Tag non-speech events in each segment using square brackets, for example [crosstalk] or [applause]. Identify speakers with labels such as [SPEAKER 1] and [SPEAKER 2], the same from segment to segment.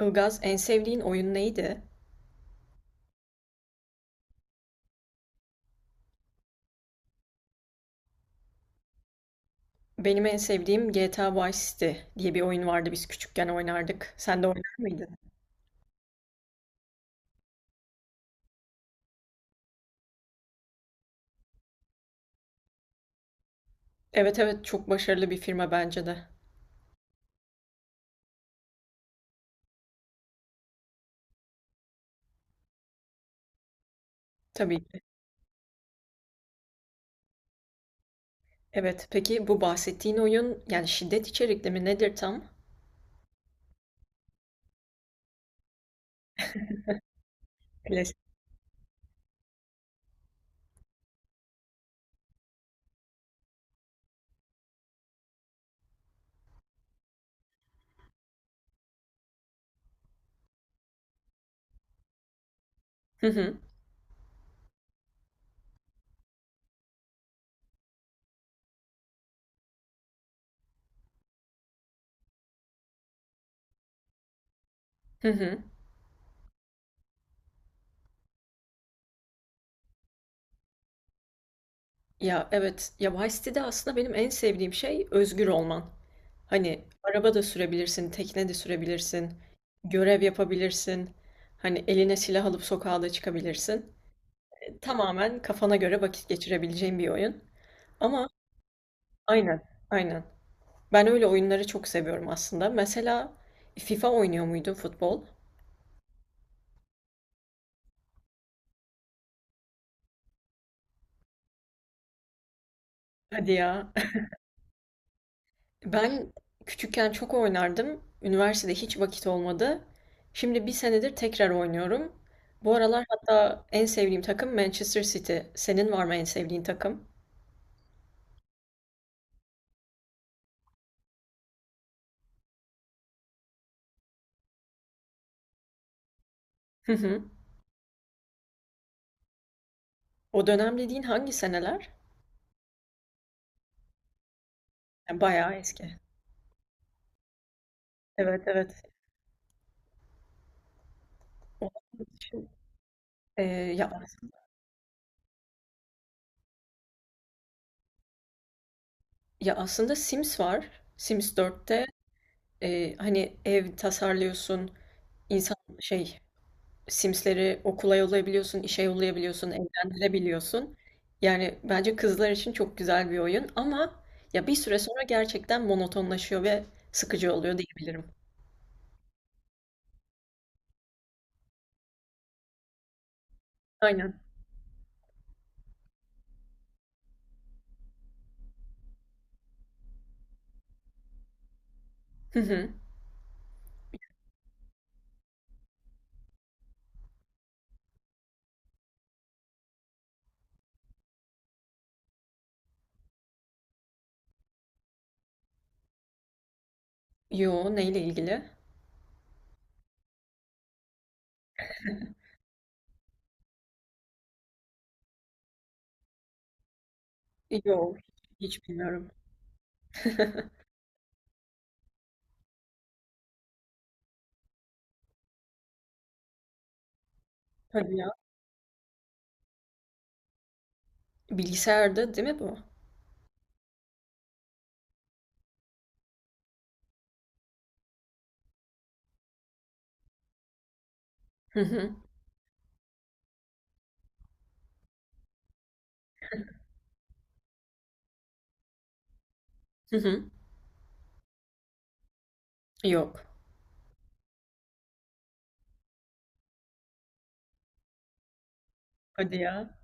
[SPEAKER 1] Ilgaz, en sevdiğin oyun neydi? Benim en sevdiğim GTA Vice City diye bir oyun vardı, biz küçükken oynardık. Sen de oynar mıydın? Evet, evet, çok başarılı bir firma bence de. Tabii ki. Evet, peki bu bahsettiğin oyun yani şiddet içerikli mi nedir tam? Klasik. Hı hı. Hı hı. Ya evet, ya Vice City'de aslında benim en sevdiğim şey özgür olman. Hani araba da sürebilirsin, tekne de sürebilirsin, görev yapabilirsin. Hani eline silah alıp sokağa da çıkabilirsin. Tamamen kafana göre vakit geçirebileceğin bir oyun. Ama aynen, aynen. Ben öyle oyunları çok seviyorum aslında. Mesela FIFA oynuyor muydun, futbol? Hadi ya. [laughs] Ben küçükken çok oynardım. Üniversitede hiç vakit olmadı. Şimdi bir senedir tekrar oynuyorum. Bu aralar hatta en sevdiğim takım Manchester City. Senin var mı en sevdiğin takım? Hı hı. O dönem dediğin hangi seneler? Ya, bayağı eski. Evet, evet. Onun için, e, ya Ya aslında Sims var. Sims 4'te, hani ev tasarlıyorsun, insan şey Sims'leri okula yollayabiliyorsun, işe yollayabiliyorsun, evlendirebiliyorsun. Yani bence kızlar için çok güzel bir oyun ama ya bir süre sonra gerçekten monotonlaşıyor ve sıkıcı oluyor diyebilirim. Aynen. Hı hı. Yo, neyle ilgili? Yo, hiç bilmiyorum. [laughs] Hadi ya. Bilgisayarda değil mi bu? Hı hı. Hı hı. Yok. Hadi ya.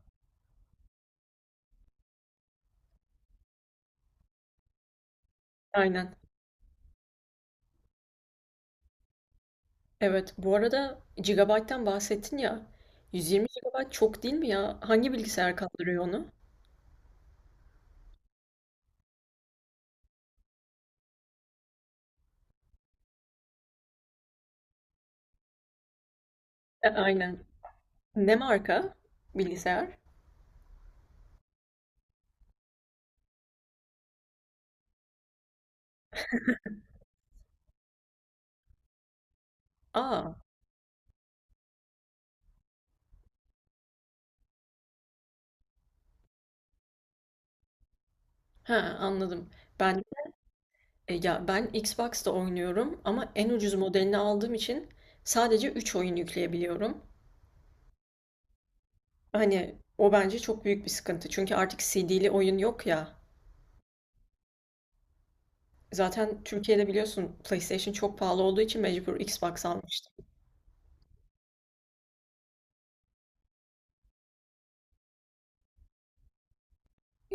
[SPEAKER 1] Aynen. Evet, bu arada GB'dan bahsettin ya. 120 gigabayt çok değil mi ya? Hangi bilgisayar kaldırıyor onu? E, aynen. Ne marka bilgisayar? Aa, ha, anladım. Ben e, ya ben Xbox'ta oynuyorum ama en ucuz modelini aldığım için sadece 3 oyun yükleyebiliyorum. Hani o bence çok büyük bir sıkıntı. Çünkü artık CD'li oyun yok ya. Zaten Türkiye'de biliyorsun PlayStation çok pahalı olduğu için mecbur Xbox almıştım.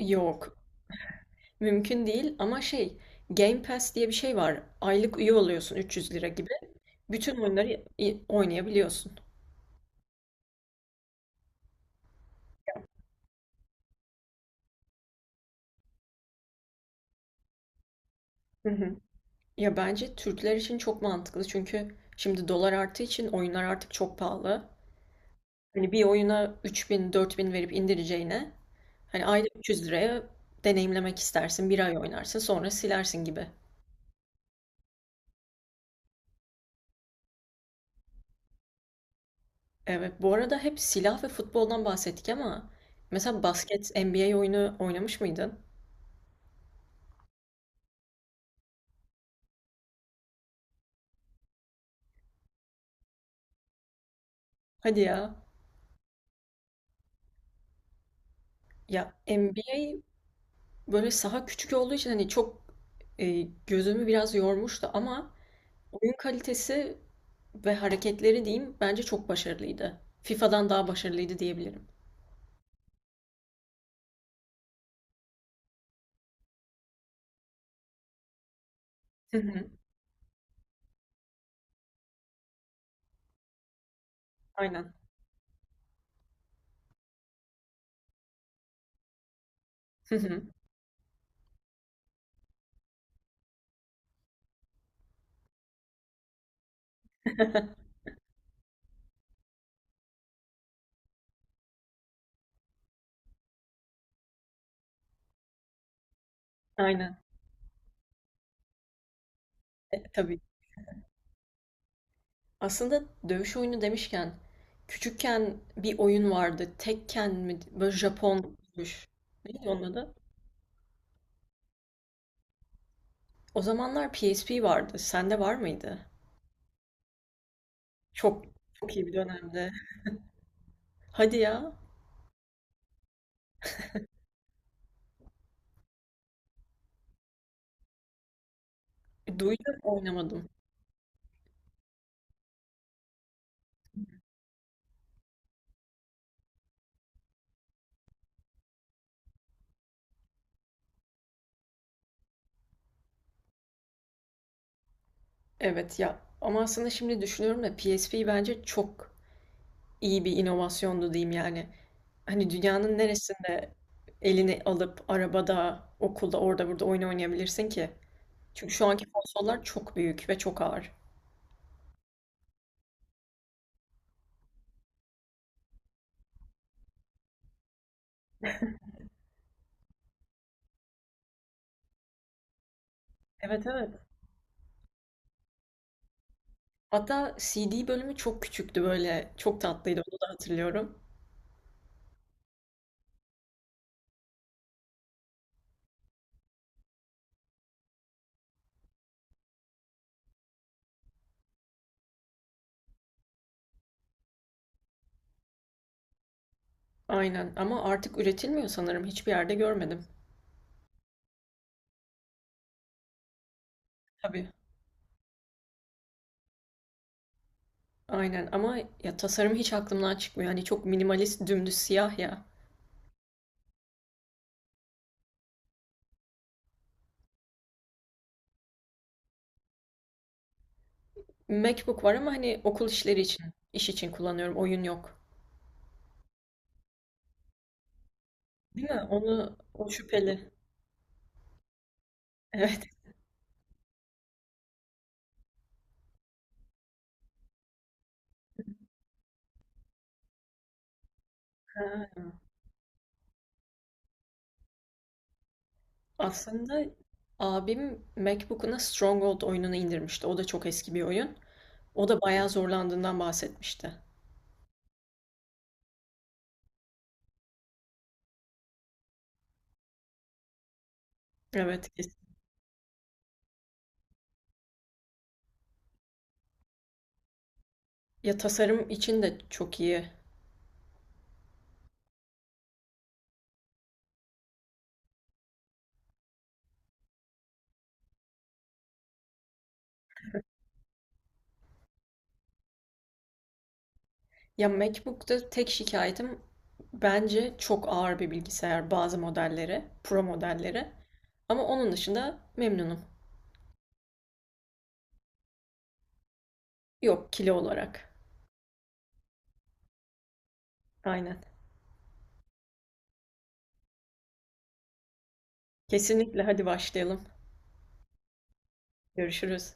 [SPEAKER 1] Yok, mümkün değil ama şey, Game Pass diye bir şey var. Aylık üye oluyorsun 300 lira gibi. Bütün oyunları i- oynayabiliyorsun. Hı hı. Ya bence Türkler için çok mantıklı çünkü şimdi dolar arttığı için oyunlar artık çok pahalı. Hani bir oyuna 3000 4000 verip indireceğine, hani ayda 300 liraya deneyimlemek istersin. Bir ay oynarsın sonra silersin gibi. Evet, bu arada hep silah ve futboldan bahsettik ama mesela basket NBA oyunu oynamış mıydın? Hadi ya. Ya NBA. Böyle saha küçük olduğu için hani çok e, gözümü biraz yormuştu ama oyun kalitesi ve hareketleri diyeyim bence çok başarılıydı. FIFA'dan daha başarılıydı diyebilirim. Hı hı. Aynen. Hı hı. Aynen. E, tabii. Aslında dövüş oyunu demişken, küçükken bir oyun vardı. Tekken mi? Böyle Japon dövüş. Neydi onun adı? O zamanlar PSP vardı. Sende var mıydı? Çok çok iyi bir dönemde. Hadi ya. Duydum, oynamadım. Evet ya, ama aslında şimdi düşünüyorum da PSP bence çok iyi bir inovasyondu diyeyim yani. Hani dünyanın neresinde elini alıp arabada, okulda, orada burada oyun oynayabilirsin ki? Çünkü şu anki konsollar çok büyük ve çok ağır. Evet, evet. Hatta CD bölümü çok küçüktü böyle. Çok tatlıydı, onu da hatırlıyorum. Aynen, ama artık üretilmiyor sanırım. Hiçbir yerde görmedim. Tabii. Aynen, ama ya tasarım hiç aklımdan çıkmıyor. Hani çok minimalist, dümdüz siyah ya. MacBook var ama hani okul işleri için, iş için kullanıyorum. Oyun yok. Değil mi? Onu o şüpheli. Evet. Ha. Aslında abim MacBook'una Stronghold oyununu indirmişti. O da çok eski bir oyun. O da bayağı zorlandığından bahsetmişti. Evet. Kesin. Ya tasarım için de çok iyi. Ya MacBook'ta tek şikayetim bence çok ağır bir bilgisayar, bazı modelleri, pro modelleri. Ama onun dışında memnunum. Yok, kilo olarak. Aynen. Kesinlikle, hadi başlayalım. Görüşürüz.